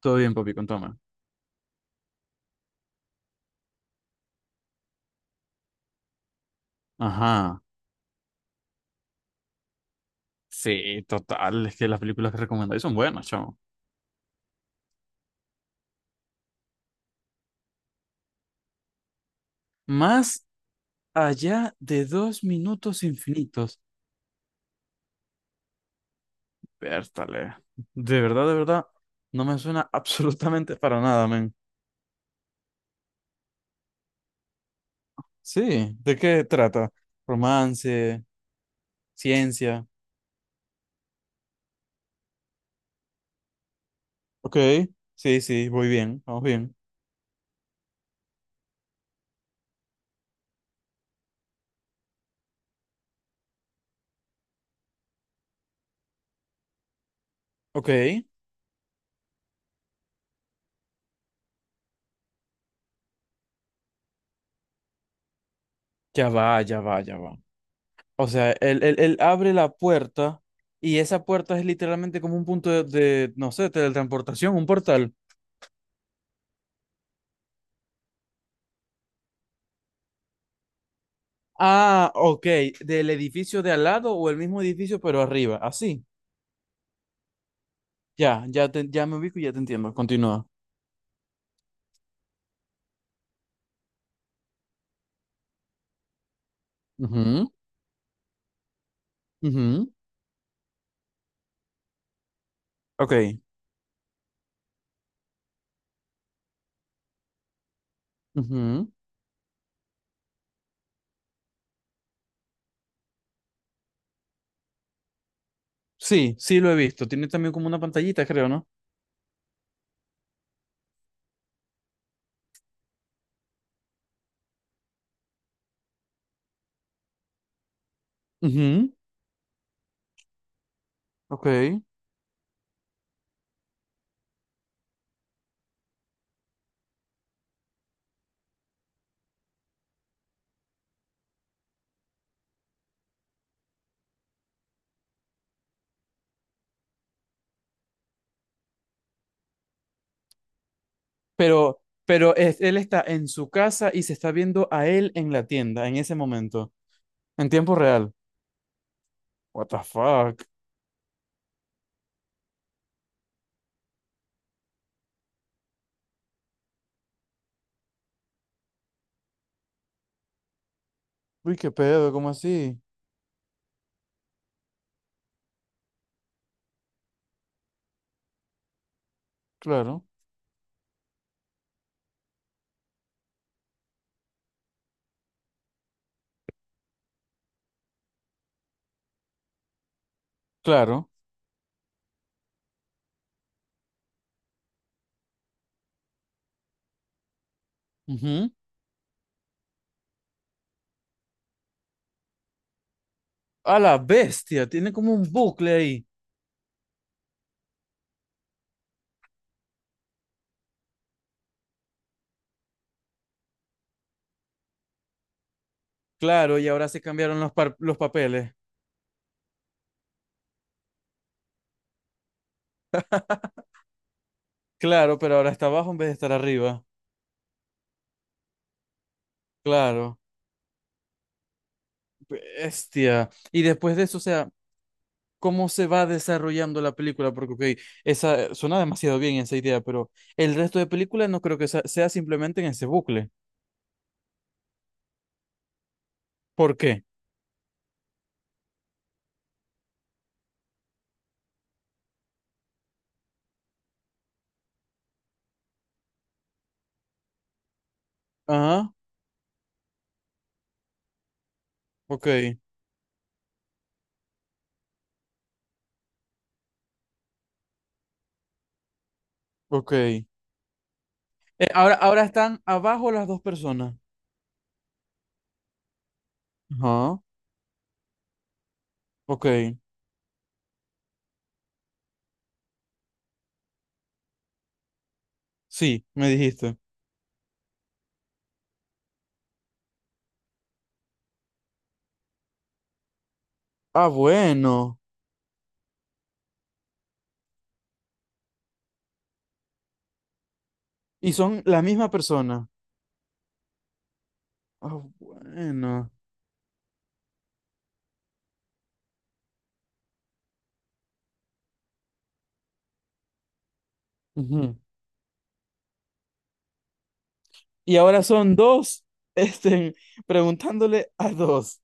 Todo bien, papi, contame. Ajá. Sí, total. Es que las películas que recomendáis son buenas, chamo. Más allá de dos minutos infinitos. Pértale. De verdad, no me suena absolutamente para nada, men. Sí, ¿de qué trata? Romance, ciencia. Ok, sí, sí, voy bien, vamos bien. Ok, ya va, ya va, ya va. O sea, él abre la puerta y esa puerta es literalmente como un punto de, no sé, teletransportación, un portal. Ah, ok, del edificio de al lado o el mismo edificio pero arriba, así. Ya, ya, ya me ubico y ya te entiendo, continúa. Ujú, ujú, ok. Ujú. Sí, sí lo he visto. Tiene también como una pantallita, creo, ¿no? Ujú, ok. Pero, él está en su casa y se está viendo a él en la tienda en ese momento, en tiempo real. What the fuck? Uy, qué pedo, ¿cómo así? Claro, claro. Ujú. A la bestia, tiene como un bucle ahí. Claro, y ahora se cambiaron los, los papeles. Claro, pero ahora está abajo en vez de estar arriba. Claro, bestia. Y después de eso, o sea, ¿cómo se va desarrollando la película? Porque, ok, esa suena demasiado bien esa idea, pero el resto de película no creo que sea simplemente en ese bucle. ¿Por qué? Ajá, ok, ok. Ahora, ahora están abajo las dos personas. Ajá, ok. Sí, me dijiste. Ah, bueno. Y son la misma persona. Ah, bueno. Ujú. Y ahora son dos, este, preguntándole a dos.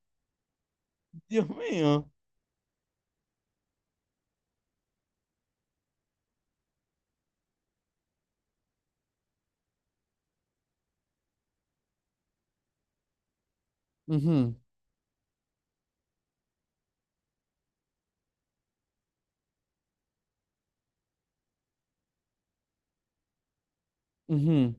Dios mío. Ujú, ujú,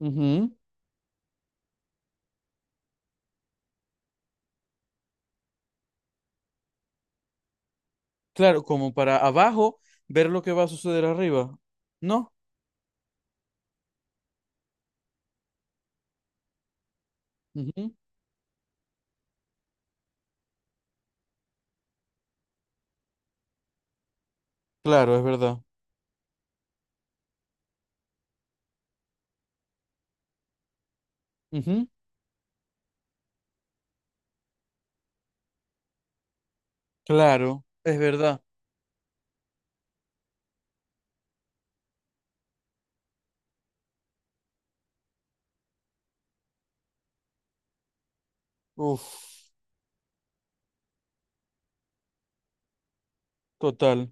ujú. Claro, como para abajo ver lo que va a suceder arriba. ¿No? Ujú. Claro, es verdad. Ujú. Claro, es verdad. Uf, total.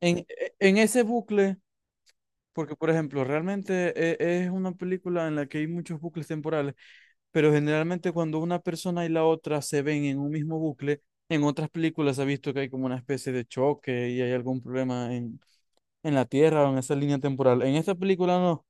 En ese bucle. Porque, por ejemplo, realmente es una película en la que hay muchos bucles temporales, pero generalmente cuando una persona y la otra se ven en un mismo bucle, en otras películas se ha visto que hay como una especie de choque y hay algún problema en la Tierra o en esa línea temporal. En esta película no.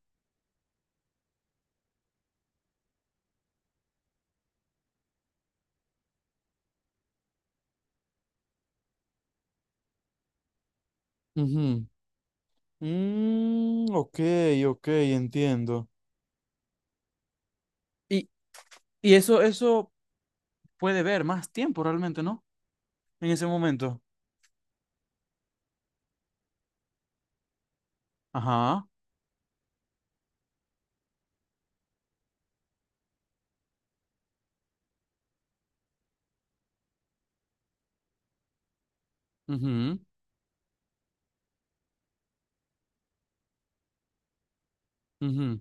Ujú. Mm, ok, ok, entiendo. Y, eso puede ver más tiempo realmente, ¿no? En ese momento. Ajá. Mhm. Mhm.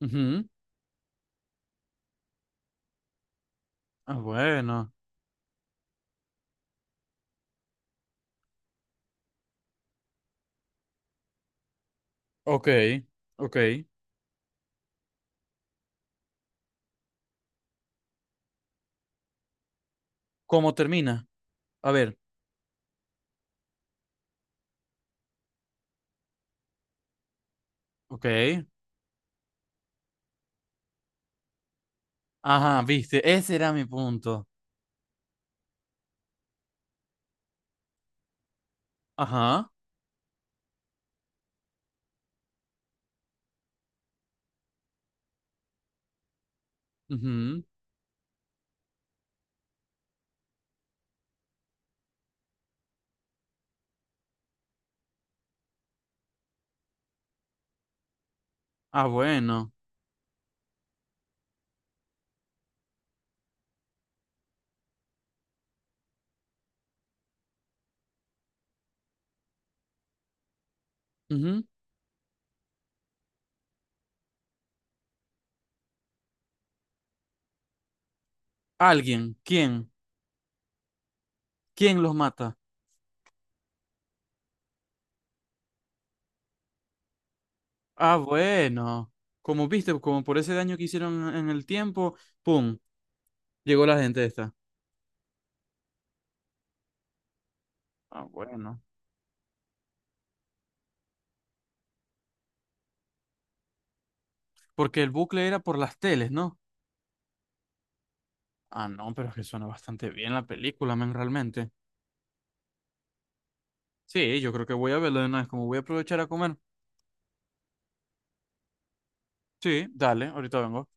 Mhm. Ah, bueno. Ok, ok. ¿Cómo termina? A ver, ok. Ajá, viste, ese era mi punto. Ajá. Ujú. Ah, bueno. Ujú. Alguien, ¿quién? ¿Quién los mata? Ah, bueno. Como viste, como por ese daño que hicieron en el tiempo, ¡pum! Llegó la gente esta. Ah, bueno. Porque el bucle era por las teles, ¿no? Ah, no, pero es que suena bastante bien la película, men, realmente. Sí, yo creo que voy a verlo de una vez, como voy a aprovechar a comer. Sí, dale, ahorita vengo.